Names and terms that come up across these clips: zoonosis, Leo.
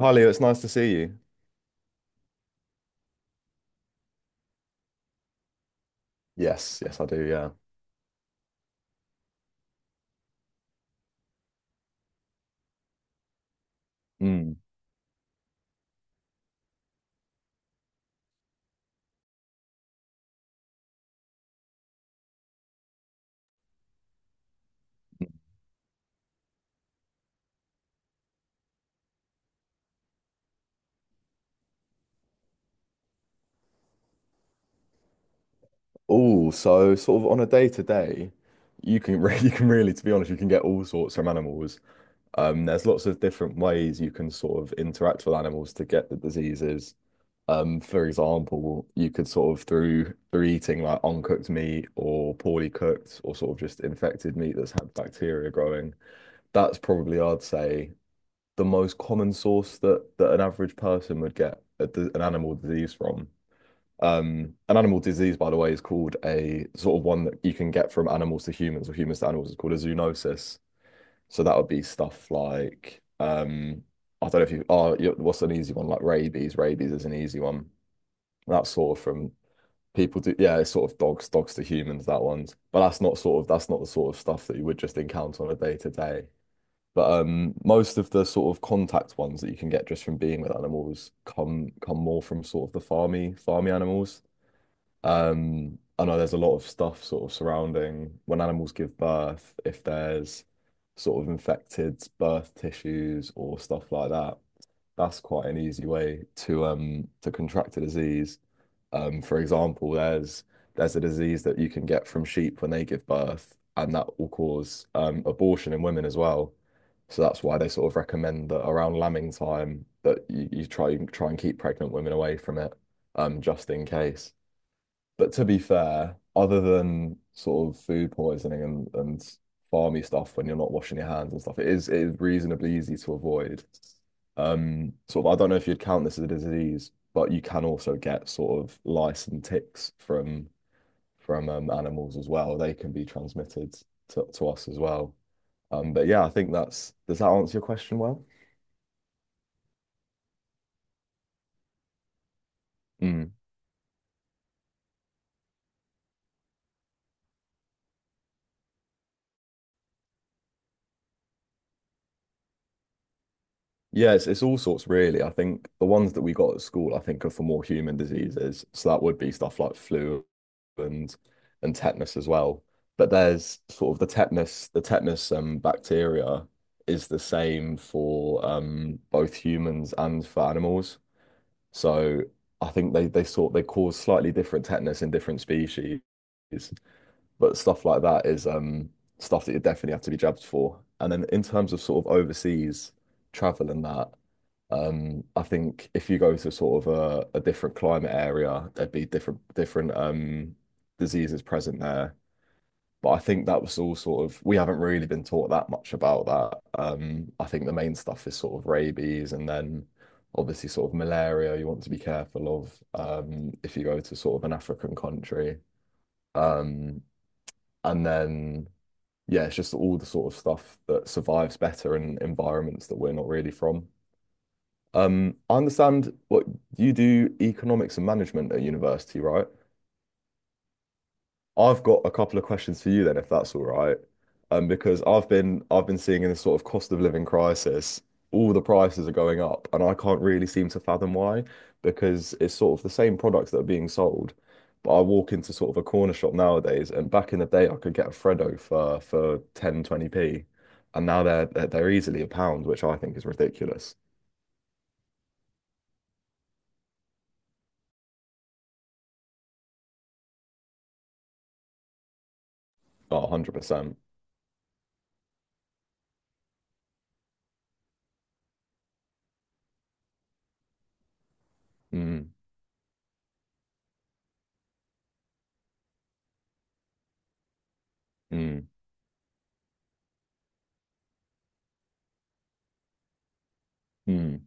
Hi Leo, it's nice to see you. Yes, yes, I do. Yeah. Mm. Oh, so sort of on a day to day, you can re you can really, to be honest, you can get all sorts from animals. There's lots of different ways you can sort of interact with animals to get the diseases. For example, you could sort of through eating like uncooked meat or poorly cooked or sort of just infected meat that's had bacteria growing. That's probably, I'd say, the most common source that an average person would get an animal disease from. An animal disease, by the way, is called a sort of one that you can get from animals to humans or humans to animals. It's called a zoonosis. So that would be stuff like I don't know if you are oh, yeah, what's an easy one like rabies. Rabies is an easy one. That's sort of from people do yeah, it's sort of dogs to humans, that one's. But that's not sort of that's not the sort of stuff that you would just encounter on a day to day. But most of the sort of contact ones that you can get just from being with animals come more from sort of the farmy animals. I know there's a lot of stuff sort of surrounding when animals give birth, if there's sort of infected birth tissues or stuff like that. That's quite an easy way to contract a disease. For example, there's a disease that you can get from sheep when they give birth, and that will cause abortion in women as well. So that's why they sort of recommend that around lambing time that you try and keep pregnant women away from it, just in case. But to be fair, other than sort of food poisoning and farmy stuff when you're not washing your hands and stuff, it is reasonably easy to avoid. Sort of, I don't know if you'd count this as a disease, but you can also get sort of lice and ticks from animals as well. They can be transmitted to us as well. But yeah, I think that's, does that answer your question well? Mm. Yeah, it's all sorts really. I think the ones that we got at school, I think, are for more human diseases. So that would be stuff like flu and and tetanus as well. But there's sort of the tetanus bacteria is the same for both humans and for animals. So I think they sort they cause slightly different tetanus in different species. But stuff like that is stuff that you definitely have to be jabbed for. And then in terms of sort of overseas travel and that, I think if you go to sort of a different climate area, there'd be different diseases present there. But I think that was all sort of we haven't really been taught that much about that. I think the main stuff is sort of rabies and then obviously sort of malaria you want to be careful of if you go to sort of an African country. Um, and then yeah, it's just all the sort of stuff that survives better in environments that we're not really from. I understand what you do economics and management at university, right? I've got a couple of questions for you then, if that's all right. Because I've been seeing in this sort of cost of living crisis, all the prices are going up, and I can't really seem to fathom why, because it's sort of the same products that are being sold. But I walk into sort of a corner shop nowadays, and back in the day I could get a Freddo for 10 20p p and now they're easily a pound, which I think is ridiculous. Oh, 100%. Mm, mm, mm,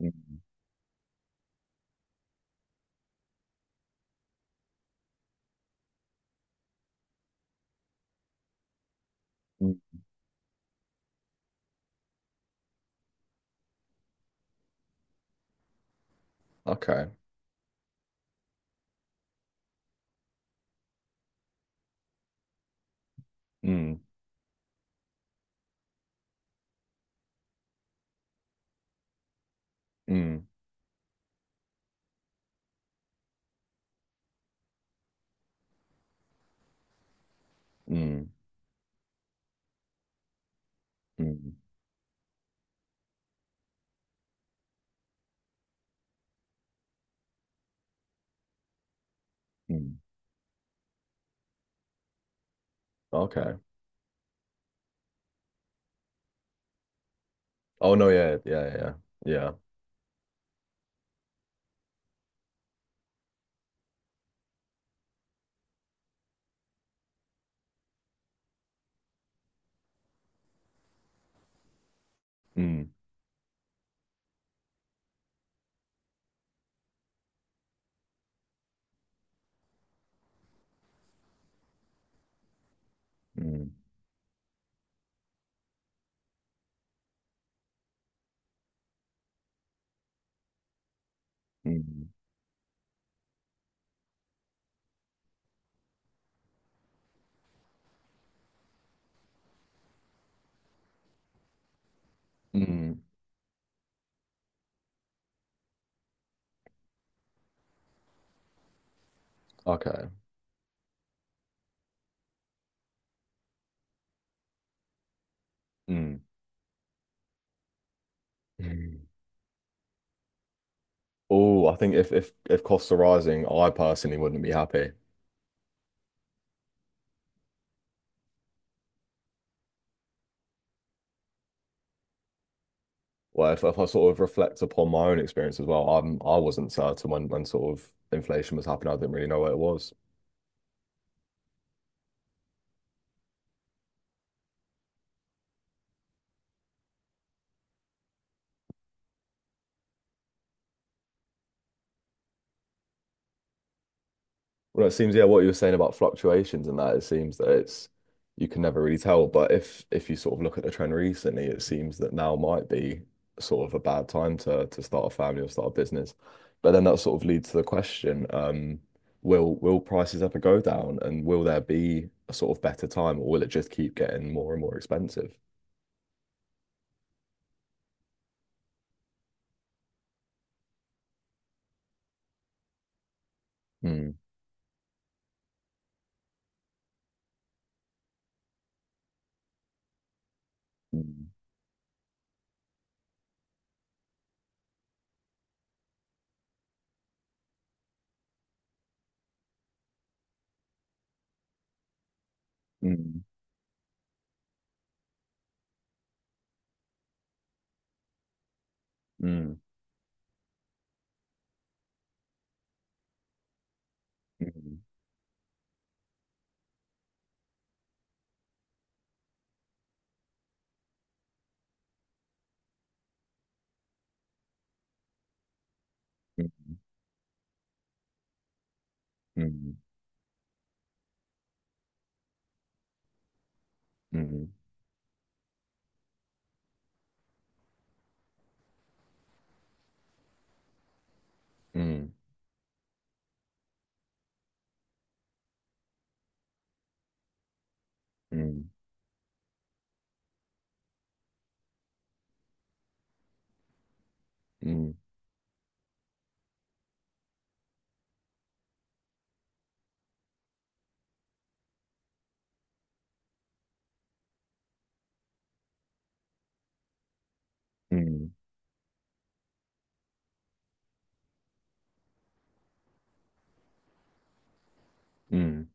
mm, mm. Okay. Mm, mm, mm, mm. Mm. Mm. Okay. Oh no, yeah, yeah, yeah, yeah. Yeah. Mm, mm, mm, mm. Okay. Mm. Mm. Oh, I think if if costs are rising, I personally wouldn't be happy. Well, if I sort of reflect upon my own experience as well, I wasn't certain when sort of inflation was happening. I didn't really know what it was. Well, it seems, yeah, what you were saying about fluctuations and that, it seems that it's you can never really tell. But if you sort of look at the trend recently, it seems that now might be sort of a bad time to start a family or start a business. But then that sort of leads to the question, will prices ever go down and will there be a sort of better time or will it just keep getting more and more expensive? Mm, mm, mm, mm, mm, mm, mm, mm, mm, mm, mm, mm,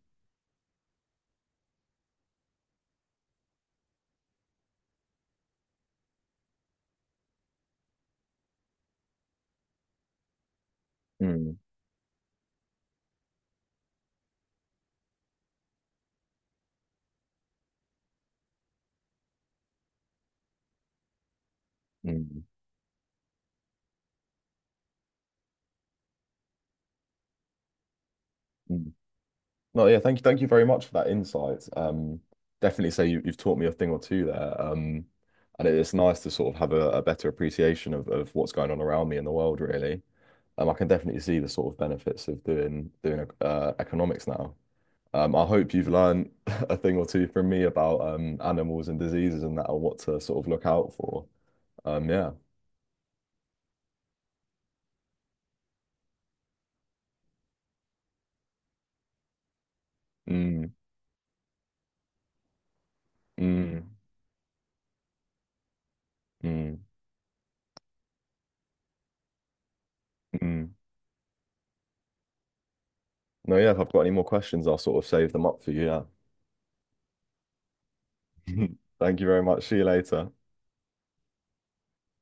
mm, mm, mm. Mm. No, yeah, thank you very much for that insight. Definitely say you've taught me a thing or two there. And it's nice to sort of have a better appreciation of what's going on around me in the world, really. I can definitely see the sort of benefits of doing doing economics now. I hope you've learned a thing or two from me about animals and diseases and that, or what to sort of look out for. Yeah. Mm, mm, mm, mm. No, yeah. If I've got any more questions, I'll sort of save them up for you. Yeah. Thank you very much. See you later.